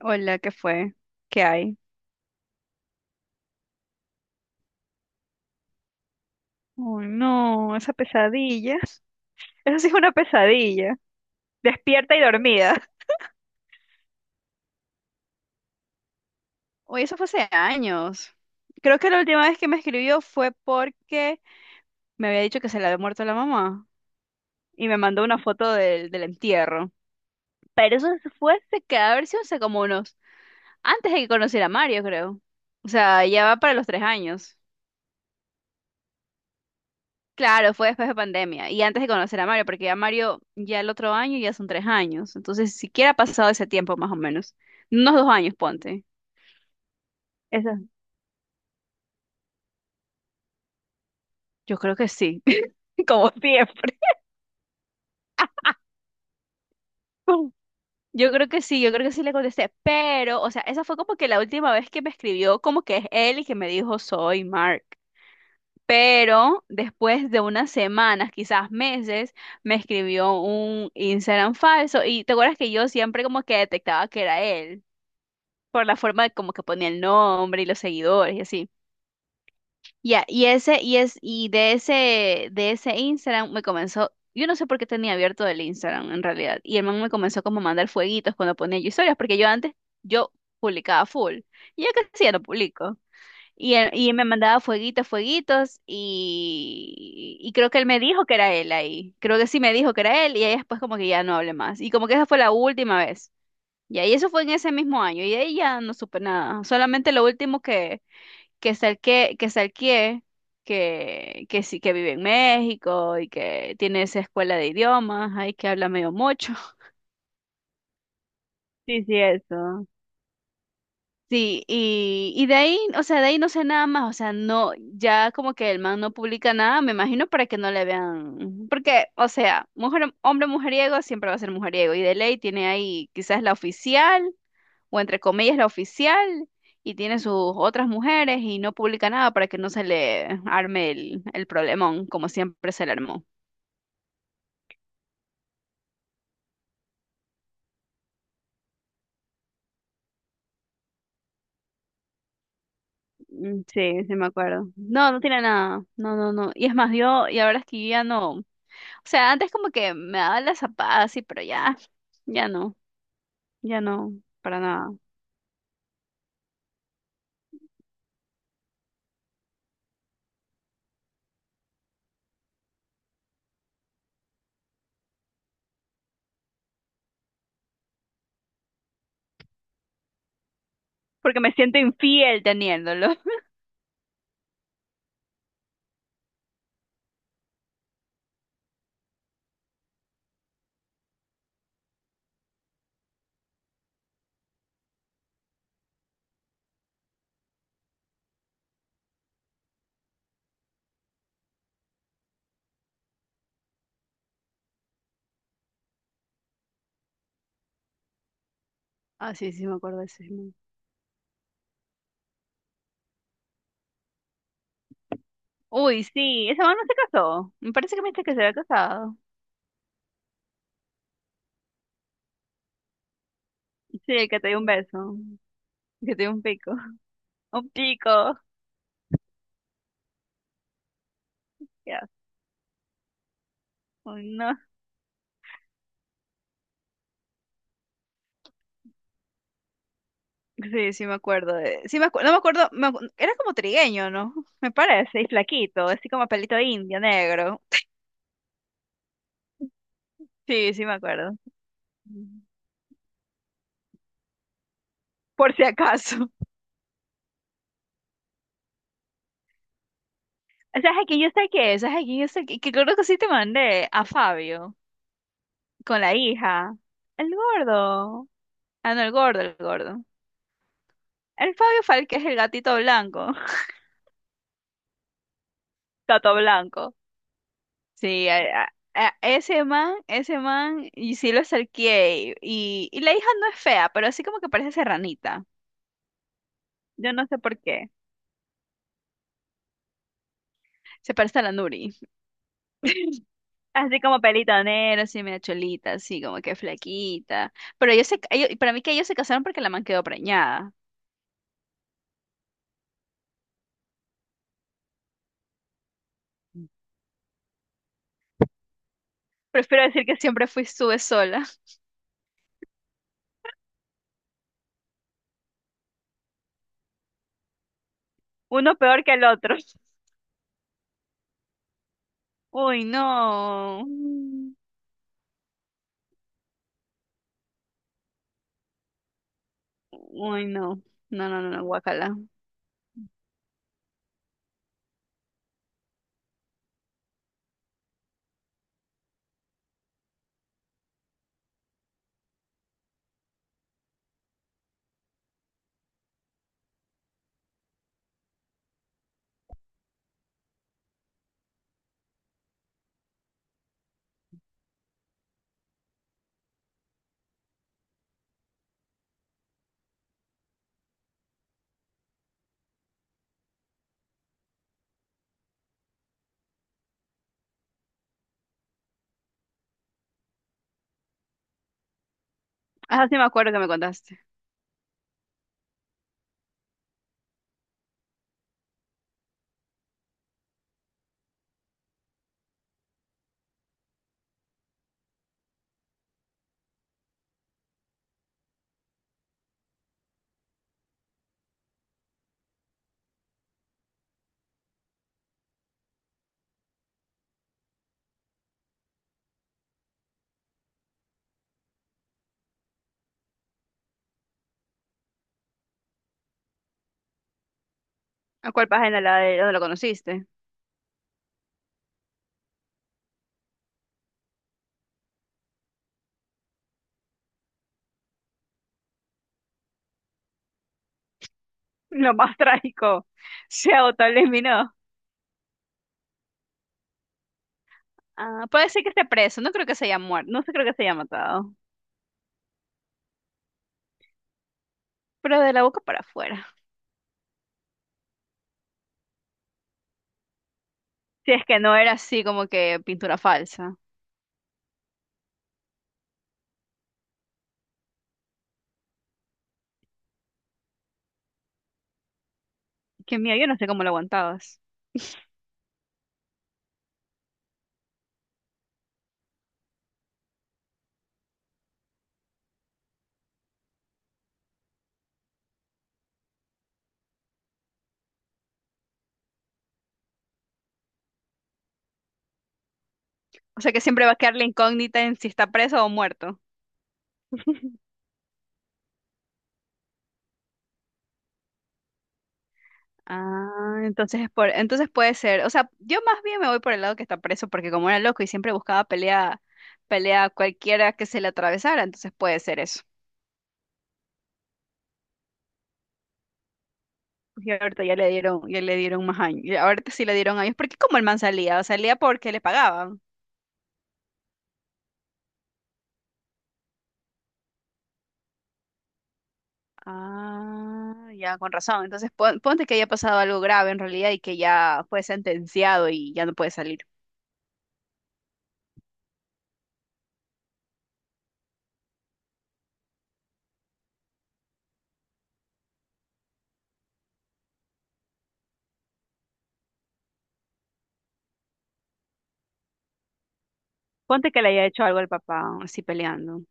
Hola, ¿qué fue? ¿Qué hay? Oh, no, esa pesadilla. Eso sí es una pesadilla. Despierta y dormida. Oye, eso fue hace años. Creo que la última vez que me escribió fue porque me había dicho que se le había muerto la mamá y me mandó una foto del entierro. Pero eso fue hace que haber sido hace como unos, antes de que conociera a Mario, creo. O sea, ya va para los 3 años. Claro, fue después de pandemia y antes de conocer a Mario, porque a Mario ya el otro año ya son 3 años, entonces siquiera ha pasado ese tiempo más o menos, unos 2 años, ponte. Eso, yo creo que sí, como siempre. Yo creo que sí, yo creo que sí le contesté, pero, o sea, esa fue como que la última vez que me escribió, como que es él y que me dijo soy Mark. Pero después de unas semanas, quizás meses, me escribió un Instagram falso y te acuerdas que yo siempre como que detectaba que era él. Por la forma de como que ponía el nombre y los seguidores y así. Ya, y ese, y es, y de ese Instagram me comenzó, yo no sé por qué tenía abierto el Instagram en realidad, y el man me comenzó como a mandar fueguitos cuando ponía yo historias, porque yo antes, yo publicaba full, y ya casi ya no publico. Y, y me mandaba fueguitos, fueguitos, y creo que él me dijo que era él ahí. Creo que sí me dijo que era él, y ahí después como que ya no hablé más. Y como que esa fue la última vez, y ahí eso fue en ese mismo año, y de ahí ya no supe nada. Solamente lo último que salqué, que salqué, que sí, que vive en México y que tiene esa escuela de idiomas, ahí que habla medio mucho. Sí, sí, eso. Sí, y de ahí, o sea, de ahí no sé nada más, o sea, no, ya como que el man no publica nada, me imagino para que no le vean, porque, o sea, mujer, hombre mujeriego siempre va a ser mujeriego, y de ley tiene ahí quizás la oficial o entre comillas la oficial, y tiene sus otras mujeres y no publica nada para que no se le arme el problemón, como siempre se le armó. Mm, sí, sí me acuerdo. No, no tiene nada. No, no, no. Y es más, yo, y ahora es que yo ya no. O sea, antes como que me daba la zapada así, pero ya, ya no, ya no, para nada. Porque me siento infiel teniéndolo. Ah, sí, sí me acuerdo de ese man. Uy, sí, ese man no se casó. Me parece que me dijiste que se había casado. Sí, el que te dio un beso, que te dio un pico. Un pico, ya, no, sí, sí me acuerdo de, sí no me acuerdo, era como trigueño, ¿no? Me parece, y flaquito, así como pelito indio, negro. Sí, sí me acuerdo. Mm. Por si acaso. ¿Sabes a quién yo saqué? ¿Sabes a quién yo saqué? Que creo que sí te mandé a Fabio, con la hija. El gordo. Ah, no, el gordo, el gordo. El Fabio Falque es el gatito blanco. Gato blanco. Sí, ese man, y sí lo acerqué. Y la hija no es fea, pero así como que parece serranita. Yo no sé por qué. Se parece a la Nuri. Así como pelito negro, así medio cholita, así como que flaquita. Pero ellos se, ca- ellos- para mí que ellos se casaron porque la man quedó preñada. Prefiero decir que siempre fui sube sola. Uno peor que el otro. Uy, no. Uy, no. No, no, no, no, guacala. Ah, sí me acuerdo que me contaste. ¿A cuál página, la de donde lo conociste? Lo más trágico, se autoeliminó. Ah, puede ser que esté preso, no creo que se haya muerto, no creo que se haya matado, pero de la boca para afuera. Si es que no era así como que pintura falsa. Qué miedo, yo no sé cómo lo aguantabas. O sea que siempre va a quedar la incógnita en si está preso o muerto. Ah, entonces es por, entonces puede ser. O sea, yo más bien me voy por el lado que está preso, porque como era loco y siempre buscaba pelea, pelea a cualquiera que se le atravesara, entonces puede ser eso. Y ahorita ya le dieron más años. Y ahorita sí le dieron años, porque como el man salía, salía porque le pagaban. Ah, ya, con razón. Entonces, ponte que haya pasado algo grave en realidad y que ya fue sentenciado y ya no puede salir. Ponte que le haya hecho algo al papá, así peleando.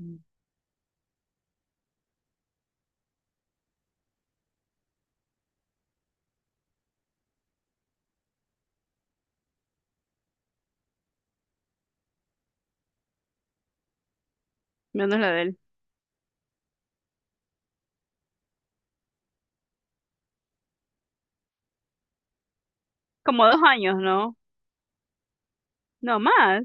Mm. Menos lo de él. Como 2 años, ¿no? No más.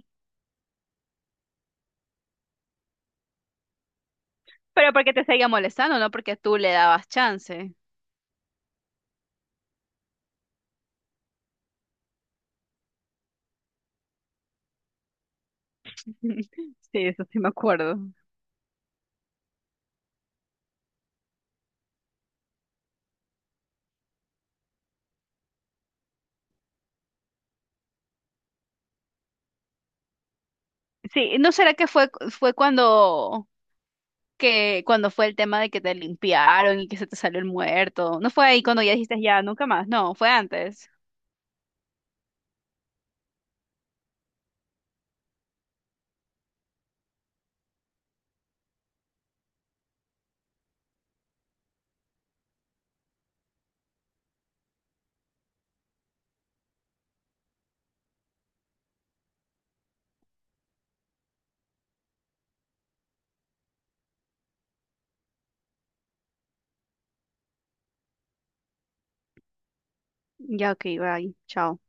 Pero porque te seguía molestando, no porque tú le dabas chance. Sí, eso sí me acuerdo. Sí, ¿no será que fue cuando, que cuando fue el tema de que te limpiaron y que se te salió el muerto? ¿No fue ahí cuando ya dijiste ya, nunca más? No, fue antes. Ya, ok, bye. Chao.